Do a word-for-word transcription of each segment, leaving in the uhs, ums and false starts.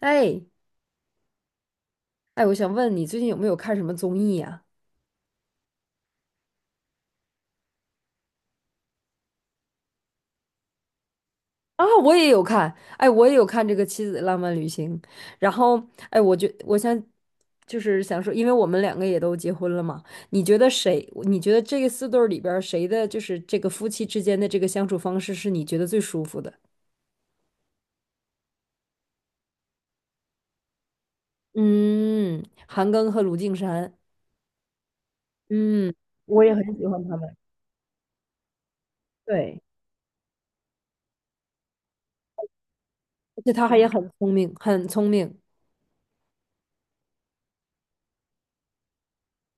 哎哎，我想问你最近有没有看什么综艺呀、啊？我也有看，哎，我也有看这个《妻子的浪漫旅行》，然后哎，我觉我想就是想说，因为我们两个也都结婚了嘛，你觉得谁？你觉得这个四对儿里边儿谁的就是这个夫妻之间的这个相处方式是你觉得最舒服的？嗯，韩庚和卢靖姗，嗯，我也很喜欢他们。对，而且他还也很聪明，很聪明。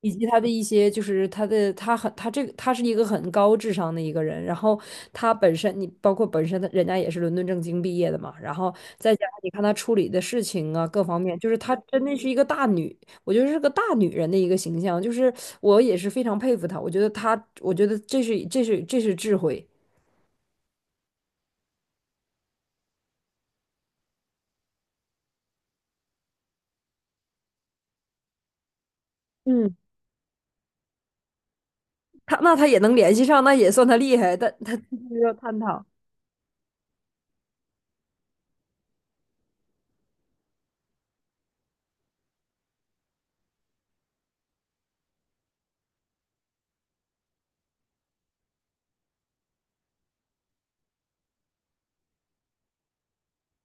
以及他的一些，就是他的，他很，他这个，他是一个很高智商的一个人。然后他本身，你包括本身他，人家也是伦敦政经毕业的嘛。然后再加上你看他处理的事情啊，各方面，就是他真的是一个大女，我觉得是个大女人的一个形象。就是我也是非常佩服她，我觉得她，我觉得这是这是这是智慧。嗯，她那她也能联系上，那也算她厉害。但她 就是要探讨。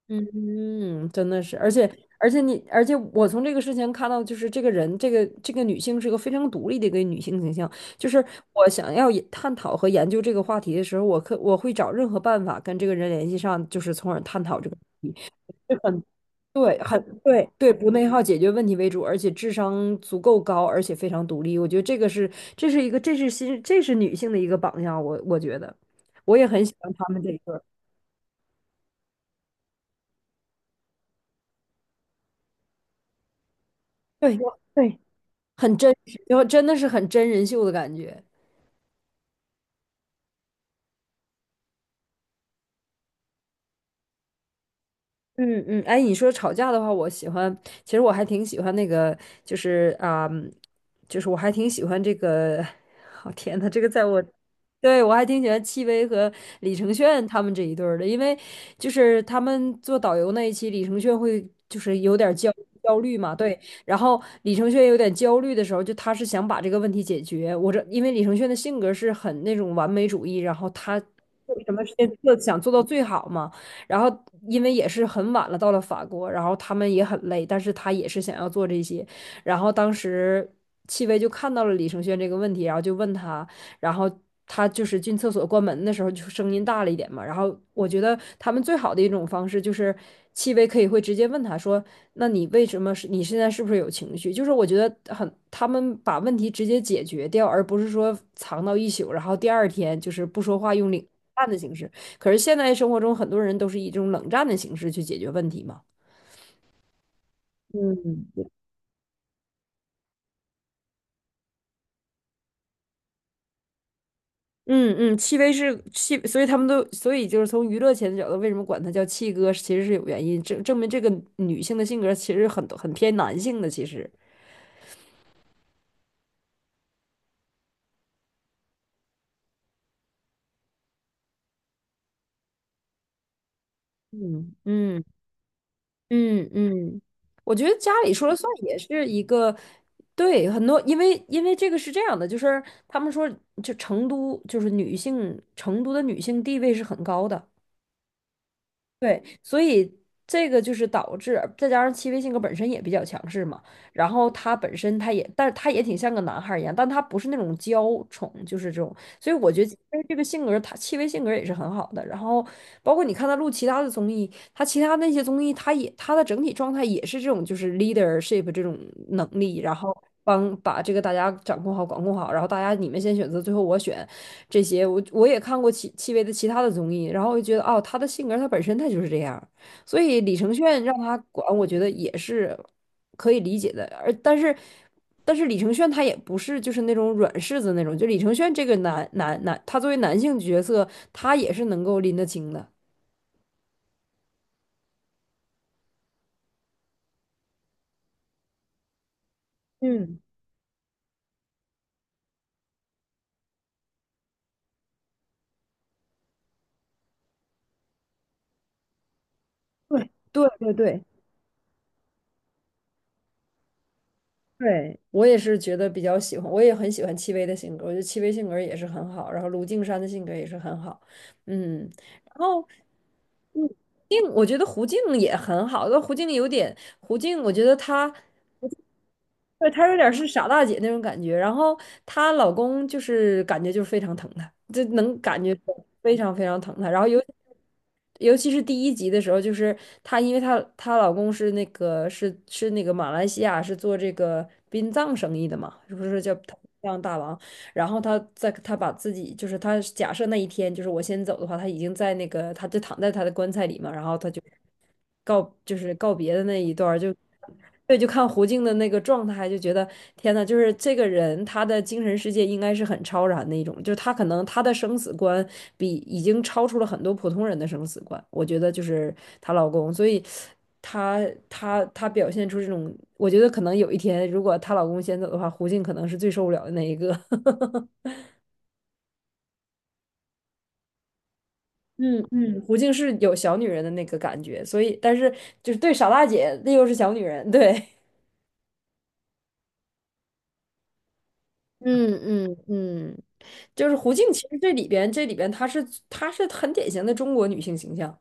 嗯，真的是，而且而且你，而且我从这个事情看到，就是这个人，这个这个女性是个非常独立的一个女性形象。就是我想要也探讨和研究这个话题的时候，我可我会找任何办法跟这个人联系上，就是从而探讨这个问题。对，很对对，不内耗，解决问题为主，而且智商足够高，而且非常独立。我觉得这个是这是一个这是新这是女性的一个榜样，我我觉得我也很喜欢他们这一对儿。对我对。很真实，就真的是很真人秀的感觉。嗯嗯，哎，你说吵架的话，我喜欢，其实我还挺喜欢那个，就是啊、就是我还挺喜欢这个，哦天呐，这个在我，对，我还挺喜欢戚薇和李承铉他们这一对儿的，因为就是他们做导游那一期，李承铉会就是有点儿焦焦虑嘛，对，然后李承铉有点焦虑的时候，就他是想把这个问题解决，我这因为李承铉的性格是很那种完美主义，然后他做什么事情做想做到最好嘛。然后因为也是很晚了，到了法国，然后他们也很累，但是他也是想要做这些。然后当时戚薇就看到了李承铉这个问题，然后就问他，然后他就是进厕所关门的时候就声音大了一点嘛。然后我觉得他们最好的一种方式就是戚薇可以会直接问他说：“那你为什么是你现在是不是有情绪？”就是我觉得很他们把问题直接解决掉，而不是说藏到一宿，然后第二天就是不说话用领淡的形式。可是现在生活中很多人都是以这种冷战的形式去解决问题嘛。嗯嗯，戚薇是戚，所以他们都，所以就是从娱乐圈的角度，为什么管他叫戚哥，其实是有原因，证证明这个女性的性格其实很很偏男性的，其实。嗯嗯嗯嗯，我觉得家里说了算也是一个，对，很多，因为因为这个是这样的，就是他们说，就成都就是女性，成都的女性地位是很高的，对，所以这个就是导致，再加上戚薇性格本身也比较强势嘛，然后他本身他也，但是他也挺像个男孩儿一样，但他不是那种娇宠，就是这种，所以我觉得戚薇这个性格，他戚薇性格也是很好的。然后包括你看他录其他的综艺，他其他那些综艺，他也他的整体状态也是这种，就是 leadership 这种能力，然后帮把这个大家掌控好、管控好，然后大家你们先选择，最后我选，这些，我我也看过戚戚薇的其他的综艺，然后我就觉得哦，她的性格她本身她就是这样，所以李承铉让她管，我觉得也是可以理解的。而但是但是李承铉他也不是就是那种软柿子那种，就李承铉这个男男男，他作为男性角色，他也是能够拎得清的。嗯，对对，对对对，我也是觉得比较喜欢，我也很喜欢戚薇的性格，我觉得戚薇性格也是很好，然后卢靖姗的性格也是很好，嗯，然后。嗯，静，我觉得胡静也很好，但胡静有点，胡静，我觉得她，对，她有点儿是傻大姐那种感觉。然后她老公就是感觉就是非常疼她，就能感觉出非常非常疼她。然后尤尤其是第一集的时候，就是她，因为她她老公是那个是是那个马来西亚是做这个殡葬生意的嘛，是不是叫殡葬大王？然后他在他把自己就是他假设那一天就是我先走的话，他已经在那个他就躺在他的棺材里嘛，然后他就告就是告别的那一段儿就。对，就看胡静的那个状态，就觉得天呐，就是这个人他的精神世界应该是很超然的一种，就是他可能他的生死观比已经超出了很多普通人的生死观，我觉得就是她老公，所以。她她她表现出这种，我觉得可能有一天，如果她老公先走的话，胡静可能是最受不了的那一个。嗯嗯，胡静是有小女人的那个感觉，所以但是就是对傻大姐，那又是小女人，对。嗯嗯嗯就是胡静，其实这里边这里边她是她是很典型的中国女性形象，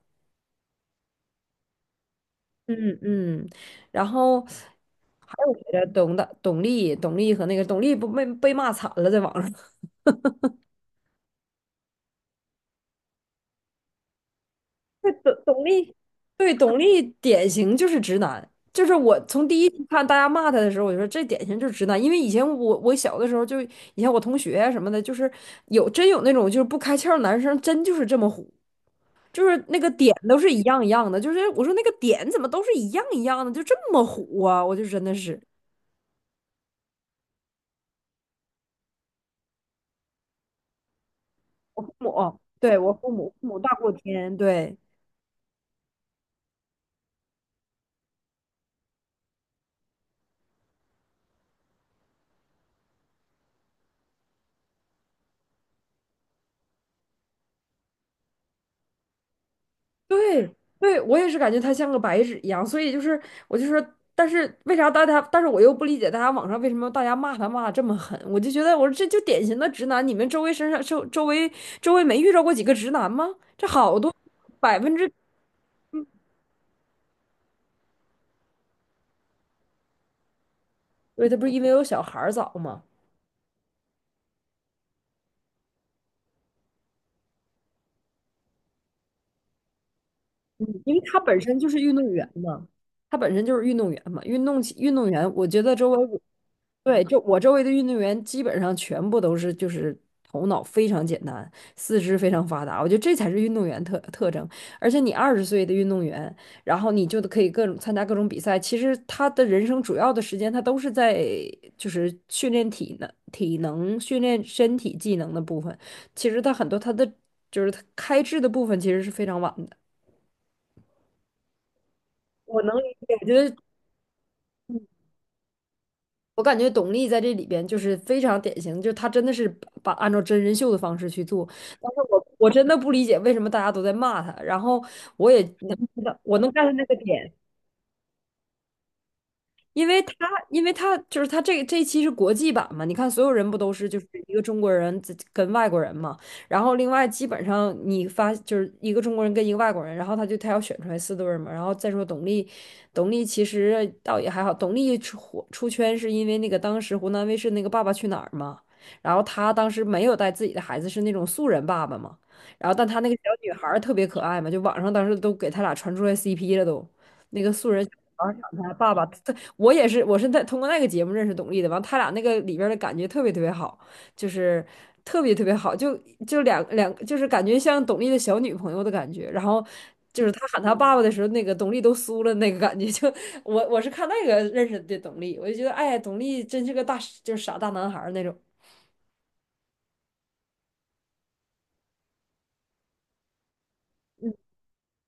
嗯嗯，然后还有谁来着董大、董丽、董丽和那个董丽不被被骂惨了，在网上。对，董董力，对，董力典型就是直男。就是我从第一集看大家骂他的时候，我就说这典型就是直男。因为以前我我小的时候就，以前我同学啊什么的，就是有真有那种就是不开窍的男生，真就是这么虎，就是那个点都是一样一样的。就是我说那个点怎么都是一样一样的，就这么虎啊！我就真的是父母，对，我父母父母大过天，对。对对，我也是感觉他像个白纸一样，所以就是我就说，但是为啥大家，但是我又不理解大家网上为什么大家骂他骂的这么狠，我就觉得我说这就典型的直男，你们周围身上周周围周围没遇到过几个直男吗？这好多百分之，对，他不是因为有小孩儿早吗？嗯，因为他本身就是运动员嘛，他本身就是运动员嘛，运动起运动员，我觉得周围我对，就我周围的运动员基本上全部都是就是头脑非常简单，四肢非常发达，我觉得这才是运动员特特征。而且你二十岁的运动员，然后你就可以各种参加各种比赛，其实他的人生主要的时间他都是在就是训练体能、体能训练身体技能的部分，其实他很多他的。就是他开智的部分其实是非常晚的。我能理解，我觉得我感觉董力在这里边就是非常典型，就是她真的是把按照真人秀的方式去做。但是我我真的不理解为什么大家都在骂她，然后我也能知道，我能 get 那个点，因为他，因为他就是他这这一期是国际版嘛，你看所有人不都是就是一个中国人自跟外国人嘛，然后另外基本上你发就是一个中国人跟一个外国人，然后他就他要选出来四对儿嘛，然后再说董力，董力其实倒也还好，董力出火出圈是因为那个当时湖南卫视那个《爸爸去哪儿》嘛，然后他当时没有带自己的孩子，是那种素人爸爸嘛，然后但他那个小女孩儿特别可爱嘛，就网上当时都给他俩传出来 C P 了都，那个素人小女孩儿长得他爸爸特我也是，我是在通过那个节目认识董丽的。完，他俩那个里边儿的感觉特别特别好，就是特别特别好，就就两两，就是感觉像董丽的小女朋友的感觉。然后就是他喊他爸爸的时候，那个董丽都酥了，那个感觉就我我是看那个认识的董丽，我就觉得哎，董丽真是个大就是傻大男孩儿那种。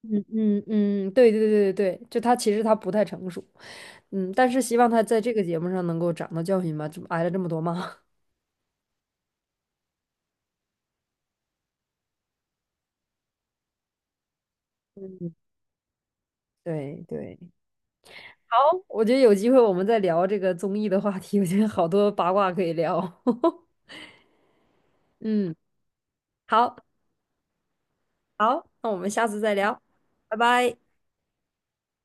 嗯嗯嗯，嗯对对对对对，就他其实他不太成熟，嗯，但是希望他在这个节目上能够长到教训吧，这么挨了这么多骂。嗯，对对。好，我觉得有机会我们再聊这个综艺的话题，我觉得好多八卦可以聊。嗯，好，好，那我们下次再聊，拜拜。